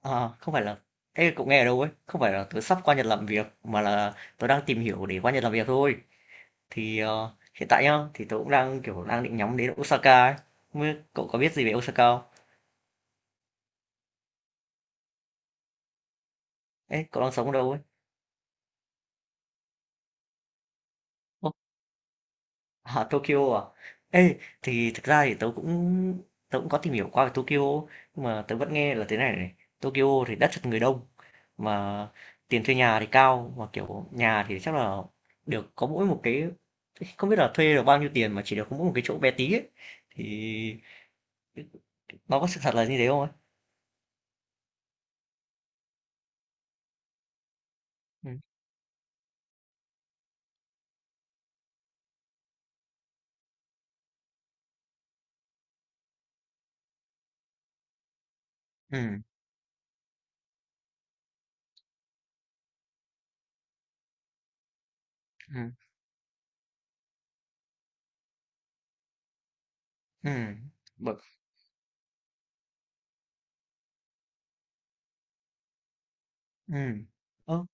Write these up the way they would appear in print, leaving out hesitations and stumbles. Ờ, không phải là Ê, cậu nghe ở đâu ấy? Không phải là tớ sắp qua Nhật làm việc mà là tớ đang tìm hiểu để qua Nhật làm việc thôi. Thì hiện tại nhá, thì tớ cũng đang định nhắm đến Osaka ấy. Không biết cậu có biết gì về Osaka không? Ê, cậu đang sống ở đâu ấy? À, Tokyo à? Ê, thì thực ra thì tớ cũng có tìm hiểu qua về Tokyo, nhưng mà tớ vẫn nghe là thế này này. Tokyo thì đất chật người đông, mà tiền thuê nhà thì cao, mà kiểu nhà thì chắc là được có mỗi một cái, không biết là thuê được bao nhiêu tiền mà chỉ được có mỗi một cái chỗ bé tí ấy. Thì nó có sự thật là như thế không ấy? Ừ. Ừ. Ừ. Ừ. Bởi- Ừ. Ơ,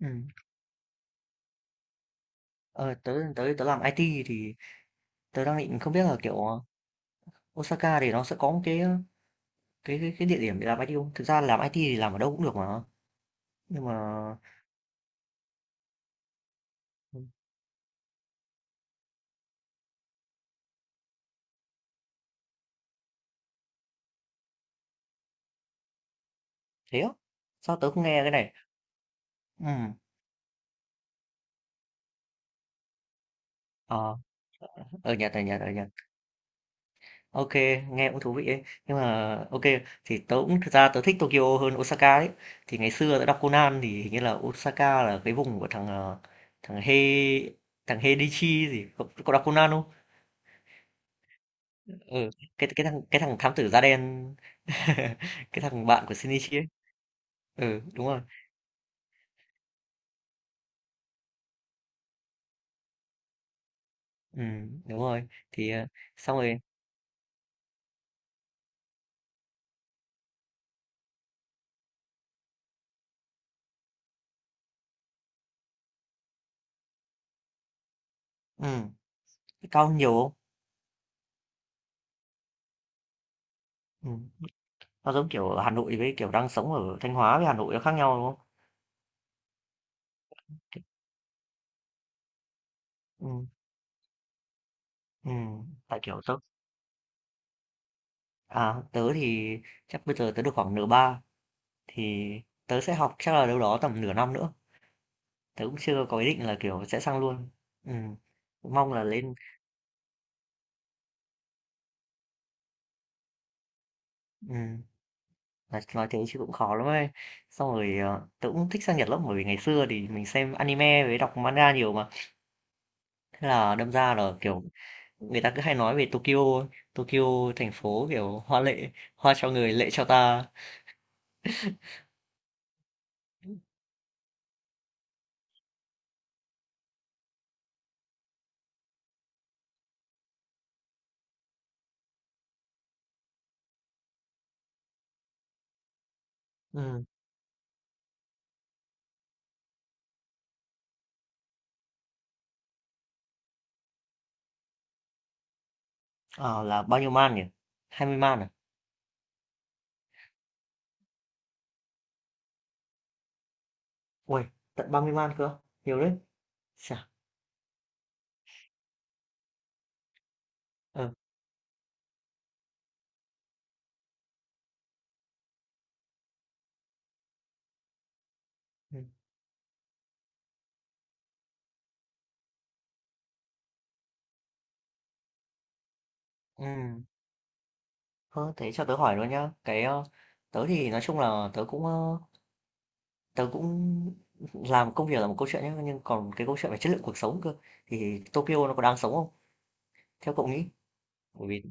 Ừ. Ờ, tớ làm IT thì tớ đang định không biết là kiểu Osaka thì nó sẽ có một cái địa điểm để làm IT không? Thực ra làm IT thì làm ở đâu cũng được mà, nhưng mà, thế á? Sao tớ không nghe cái này? Ừm, ờ, ở Nhật, ở Nhật, ở Nhật. Ok, nghe cũng thú vị ấy. Nhưng mà ok thì tớ cũng thực ra tớ thích Tokyo hơn Osaka ấy. Thì ngày xưa tớ đọc Conan thì hình như là Osaka là cái vùng của thằng, ờ, thằng He thằng Heidichi gì, cậu cậu đọc Conan không? Ừ, cái thằng thám tử da đen, cái thằng bạn của Shinichi ấy. Ừ, đúng rồi. Đúng rồi. Thì, xong rồi. ừm. Thế cao nhiều không? Ừm, nó giống kiểu ở Hà Nội với, kiểu, đang sống ở Thanh Hóa với Hà Nội nó khác nhau, đúng không? Kiểu ừm, tại, kiểu, tớ thì chắc bây giờ tớ được khoảng nửa ba, thì tớ sẽ học chắc là đâu đó tầm nửa năm nữa, tớ cũng chưa có ý định là, kiểu, sẽ sang luôn. Ừm, mong là lên ừm, nói thế chứ cũng khó lắm ấy. Xong rồi, tớ cũng thích sang Nhật lắm, bởi vì ngày xưa thì mình xem anime với đọc manga nhiều mà, thế là đâm ra là, kiểu người ta cứ hay nói về Tokyo. Tokyo thành phố kiểu hoa lệ, hoa cho người lệ cho ta. Ừ. Ờ, là bao nhiêu man nhỉ? 20 man à? Ui, tận 30 man cơ, nhiều đấy. Chà. ờ, ừ. Ừ. Ờ, thế cho tớ hỏi luôn nhá, cái tớ thì nói chung là tớ cũng làm công việc là một câu chuyện nhá, nhưng còn cái câu chuyện về chất lượng cuộc sống cơ, thì Tokyo nó có đáng sống không, theo cậu nghĩ? Bởi vì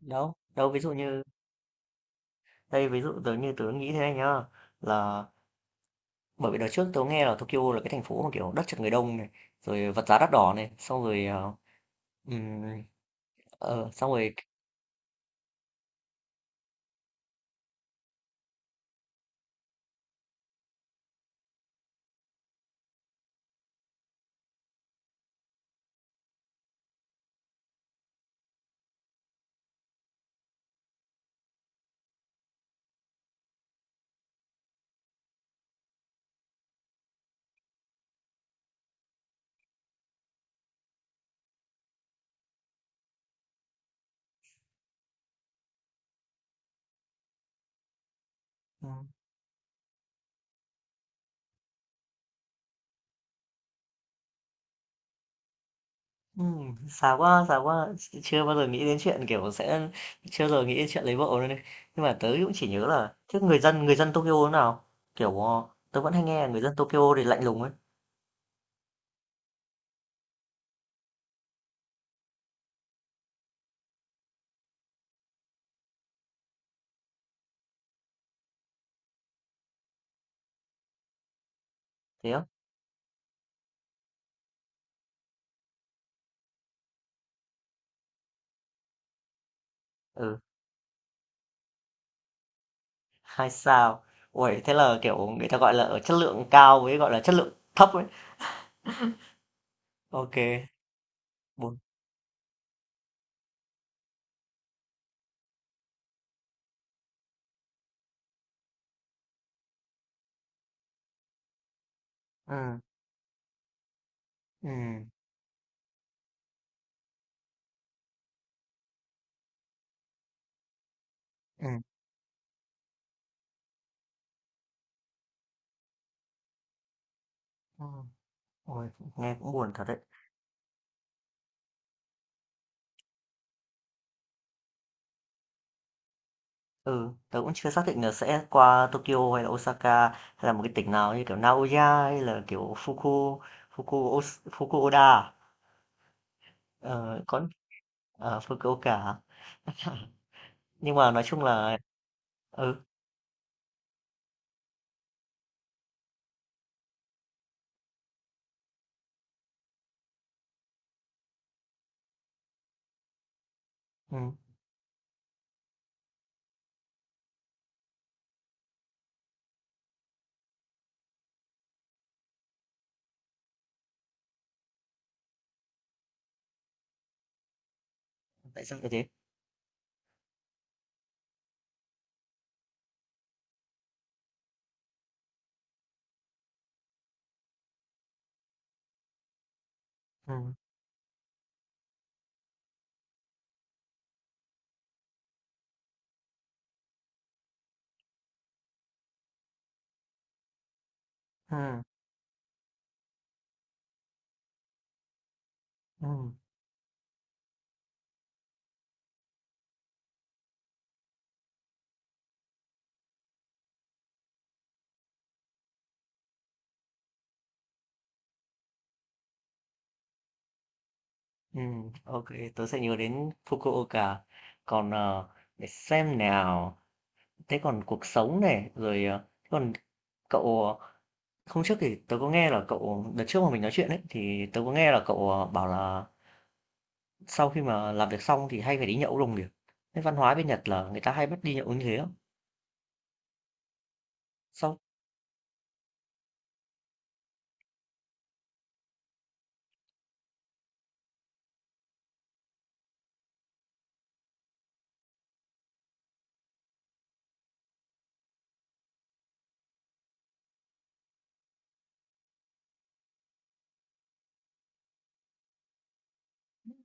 đâu đâu, ví dụ như, đây ví dụ tớ, như tớ nghĩ thế này nhá, là bởi vì đợt trước tớ nghe là Tokyo là cái thành phố mà, kiểu, đất chật người đông này, rồi vật giá đắt đỏ này, xong rồi, ừm, xong rồi. ừm, xa quá, chưa bao giờ nghĩ đến chuyện, kiểu, sẽ chưa bao giờ nghĩ đến chuyện lấy vợ luôn ấy. Nhưng mà tớ cũng chỉ nhớ là thế, người dân Tokyo thế nào? Kiểu tớ vẫn hay nghe là người dân Tokyo thì lạnh lùng ấy, thế á? Ừ, hai sao. Ui, thế là kiểu người ta gọi là ở chất lượng cao với gọi là chất lượng thấp ấy. Ok, bốn. Ừ, ừ, ừ. Ừ. Ôi, nghe cũng buồn thật đấy. Ừ, tớ cũng chưa xác định là sẽ qua Tokyo hay là Osaka hay là một cái tỉnh nào như kiểu Naoya hay là kiểu Fuku Fuku Os- Fukuoka à? Ờ, có. Ờ, Fukuoka à? Nhưng mà nói chung là ừ. Ừ, tại sao lại thế? Ừ, ừ, ừ, ừ. Ok, tớ sẽ nhớ đến Fukuoka. Còn để xem nào. Thế còn cuộc sống này, rồi, thế còn cậu, hôm trước thì tớ có nghe là cậu đợt trước mà mình nói chuyện ấy, thì tớ có nghe là cậu, bảo là sau khi mà làm việc xong thì hay phải đi nhậu đồng nghiệp. Thế văn hóa bên Nhật là người ta hay bắt đi nhậu như thế không? Sau.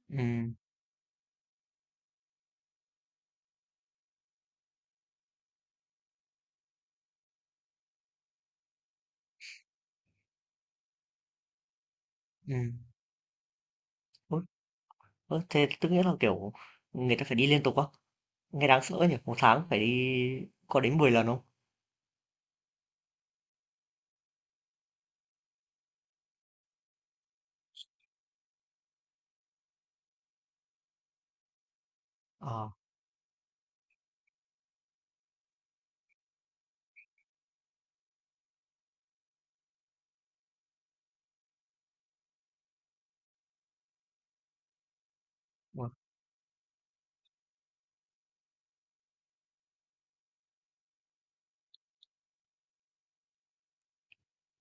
ừm, ừm, Ơ. Thế tức nghĩa là, kiểu, người ta phải đi liên tục á? Nghe đáng sợ nhỉ? Một tháng phải đi có đến 10 lần không? Ờ. Uầy.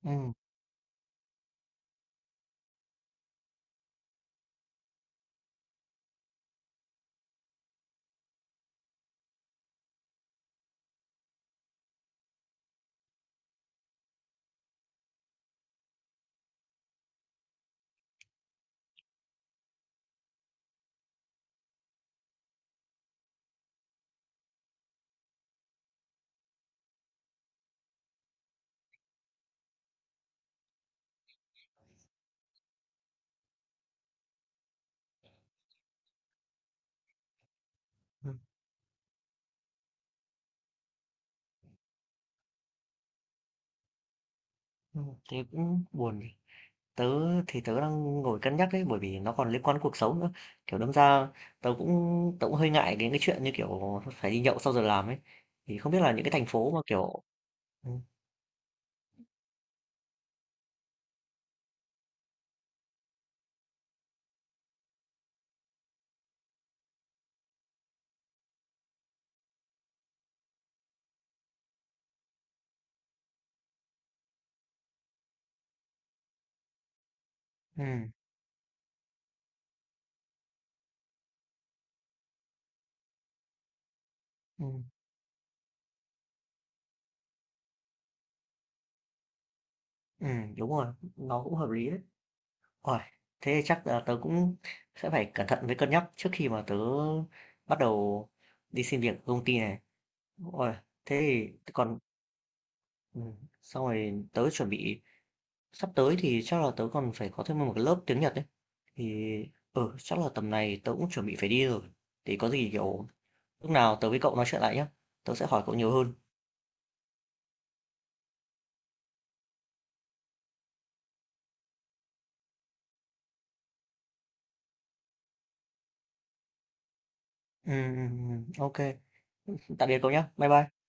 ừm, ừm, thế cũng buồn nhỉ? Tớ thì tớ đang ngồi cân nhắc đấy, bởi vì nó còn liên quan đến cuộc sống nữa. Kiểu đâm ra tớ cũng hơi ngại đến cái chuyện như kiểu phải đi nhậu sau giờ làm ấy. Thì không biết là những cái thành phố mà kiểu ừ, ừ, ừ, ừ, đúng rồi, nó cũng hợp lý đấy. Ôi, thế chắc là tớ cũng sẽ phải cẩn thận với cân nhắc trước khi mà tớ bắt đầu đi xin việc ở công ty này. Ôi, thế thì còn ừ, xong rồi tớ chuẩn bị. Sắp tới thì chắc là tớ còn phải có thêm một cái lớp tiếng Nhật đấy. Thì, ừ, chắc là tầm này tớ cũng chuẩn bị phải đi rồi. Thì có gì, kiểu, lúc nào tớ với cậu nói chuyện lại nhá. Tớ sẽ hỏi cậu nhiều hơn. Ok. Tạm biệt cậu nhá. Bye bye.